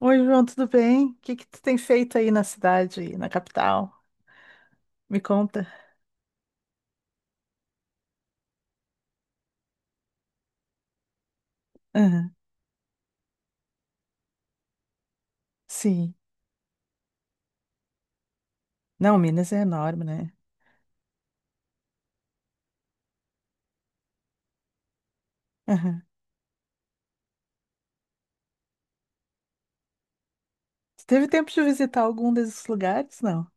Oi, João, tudo bem? O que que tu tem feito aí na cidade, na capital? Me conta. Aham, Sim. Não, Minas é enorme, né? Aham. Tu teve tempo de visitar algum desses lugares? Não?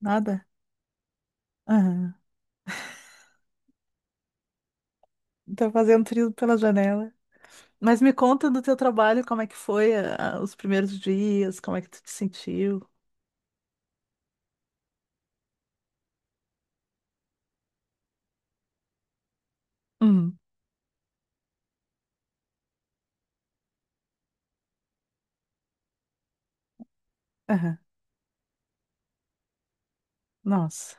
Nada? Aham. Tá fazendo trilho pela janela. Mas me conta do teu trabalho, como é que foi os primeiros dias, como é que tu te sentiu? Hum. Aham. Nossa.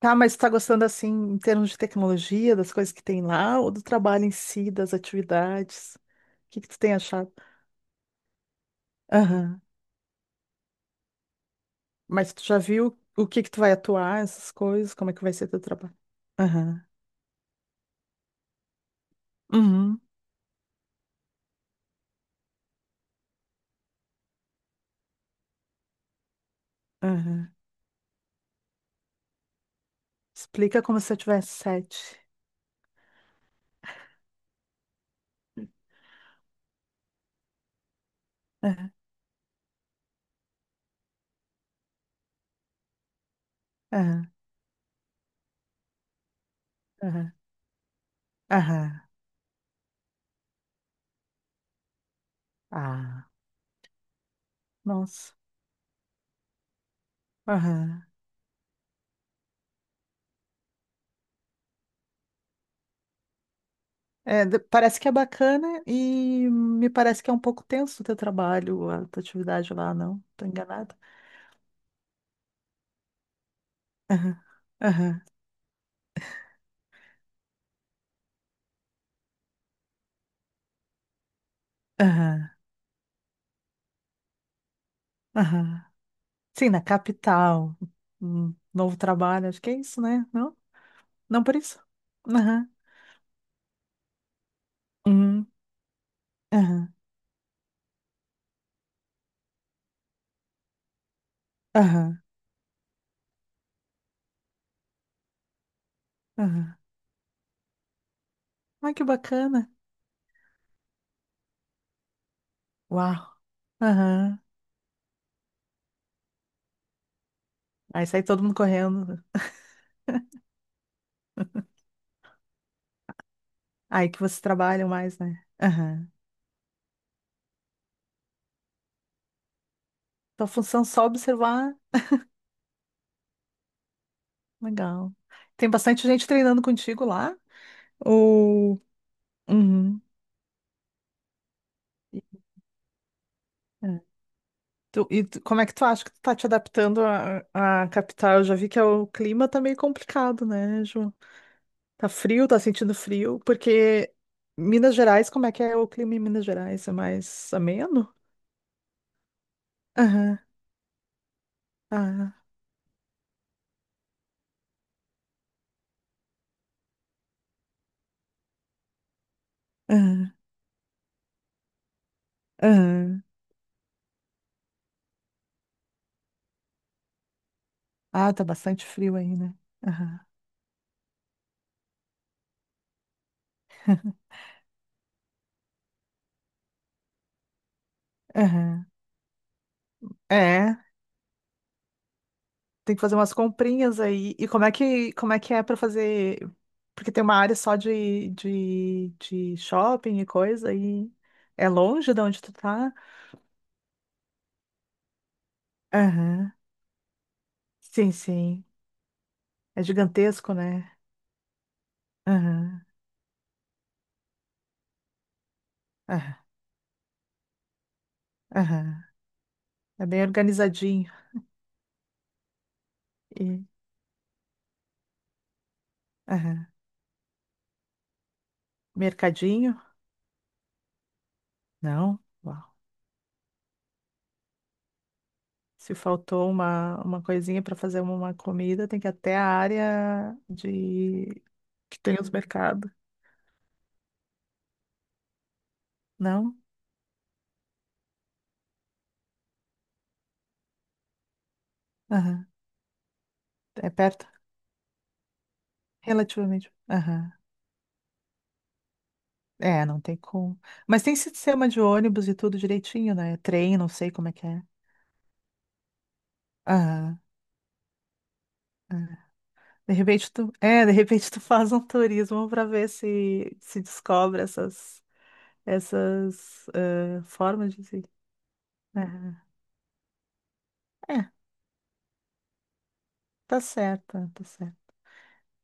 Tá, mas tu tá gostando assim, em termos de tecnologia, das coisas que tem lá, ou do trabalho em si, das atividades? O que que tu tem achado? Aham. Mas tu já viu o que que tu vai atuar, essas coisas, como é que vai ser teu trabalho? Aham. Uhum. Aham. Explica como se eu tivesse sete. Aham. Aham. Aham. Aham. Ah, nossa. Aham. É, parece que é bacana e me parece que é um pouco tenso o teu trabalho, a tua atividade lá, não? Tô enganada? Aham. Aham. Aham. Aham. Sim, na capital. Um novo trabalho, acho que é isso, né? Não? Não por isso? Uhum. Aham. Aham. Aham. Ai, que bacana. Uau. Aham. Aí sai todo mundo correndo. Aí que vocês trabalham mais, né? Aham. Tua função é só observar. Legal. Tem bastante gente treinando contigo lá? Ou... Uhum. É. Como é que tu acha que tu tá te adaptando à capital? Eu já vi que é o clima tá meio complicado, né, Ju? Tá frio, tá sentindo frio, porque Minas Gerais, como é que é o clima em Minas Gerais? É mais ameno? Ah, aham, aham. Ah, tá bastante frio aí, né? Aham, aham. É, tem que fazer umas comprinhas aí. E como é que é pra fazer? Porque tem uma área só de shopping e coisa, e é longe de onde tu tá? Aham. Sim, sim. É gigantesco, né? Aham, aham, aham. É bem organizadinho. E, aham. Mercadinho? Não. Se faltou uma coisinha para fazer uma comida, tem que ir até a área de que tem os mercados. Não? Aham. É perto? Relativamente. Aham. É, não tem como. Mas tem sistema de ônibus e tudo direitinho, né? Trem, não sei como é que é. Aham. É. De repente tu faz um turismo para ver se se descobre essas formas de se. Aham. É, tá certo, tá certo.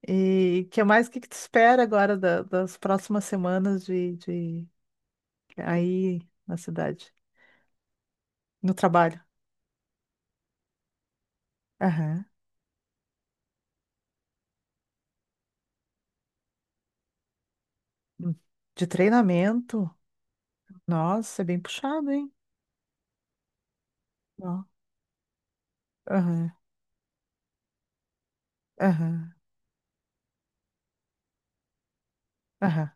E que mais, o que que tu espera agora das próximas semanas de aí na cidade, no trabalho? Aham. Hum. De treinamento? Nossa, é bem puxado, hein? Ó. Aham, aham, aham.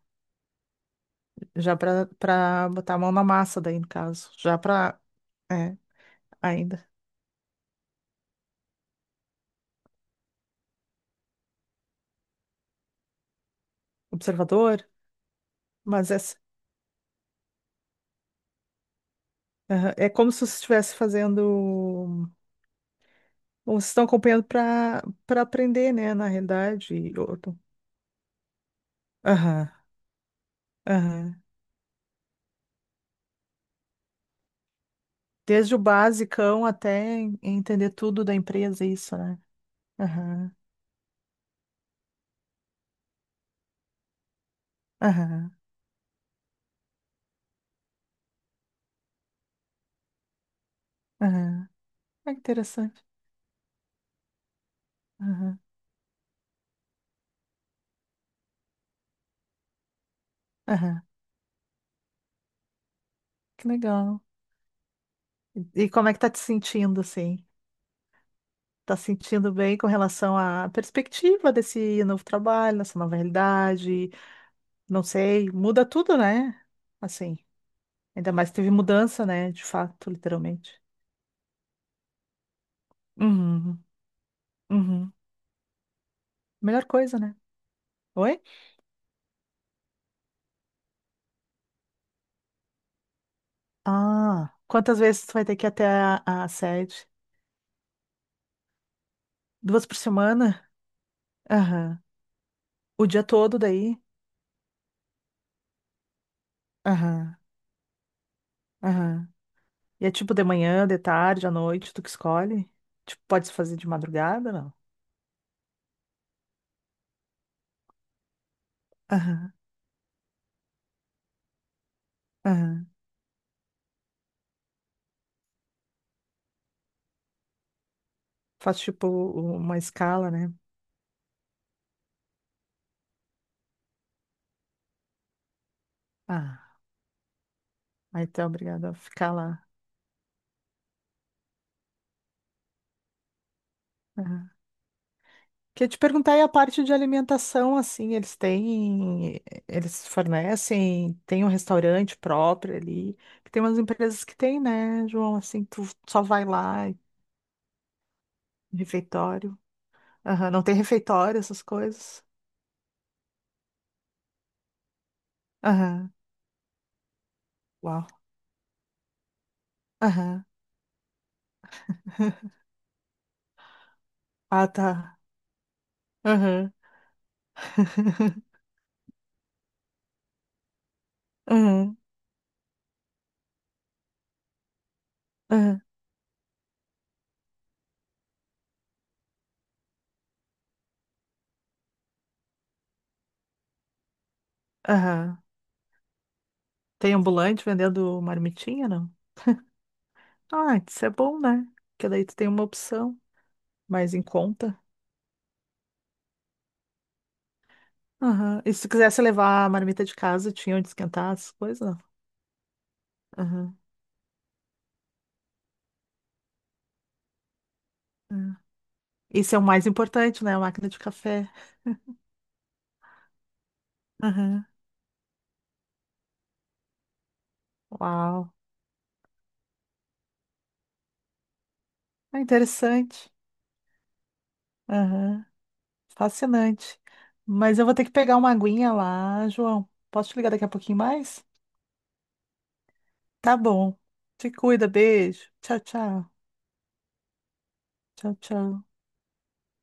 Já para botar a mão na massa daí, no caso. Já para, é, ainda, observador. Mas é, aham, é como se você estivesse fazendo, ou vocês estão acompanhando para aprender, né, na realidade. Aham, aham. Desde o basicão até entender tudo da empresa, isso, né? Aham, aham, aham. Ah, que interessante. Aham, aham. Que legal. E como é que tá te sentindo, assim? Tá se sentindo bem com relação à perspectiva desse novo trabalho, dessa nova realidade? Não sei, muda tudo, né? Assim, ainda mais que teve mudança, né? De fato, literalmente. Uhum, uhum. Melhor coisa, né? Oi? Ah, quantas vezes tu vai ter que ir até a sede? Duas por semana? Aham. O dia todo daí? Aham, aham. E é tipo de manhã, de tarde, à noite, tu que escolhe? Tipo, pode fazer de madrugada, não? Aham, aham. Faz tipo uma escala, né? Ah, aí tu é obrigado a ficar lá. Queria te perguntar aí a parte de alimentação, assim, eles têm, eles fornecem, tem um restaurante próprio ali, que tem umas empresas que tem, né, João, assim, tu só vai lá, refeitório, Aham, não tem refeitório, essas coisas, aham, Uau, aham, Ah, tá, aham, aham, aham, aham, tem ambulante vendendo marmitinha, não? Ah, isso é bom, né, porque daí tu tem uma opção mais em conta. Aham. E se quisesse levar a marmita de casa, tinha onde esquentar as coisas? Não? Aham. É. Isso é o mais importante, né? A máquina de café. Aham. Uau. É interessante. Aham. Fascinante. Mas eu vou ter que pegar uma aguinha lá, João. Posso te ligar daqui a pouquinho mais? Tá bom. Te cuida, beijo. Tchau, tchau. Tchau, tchau.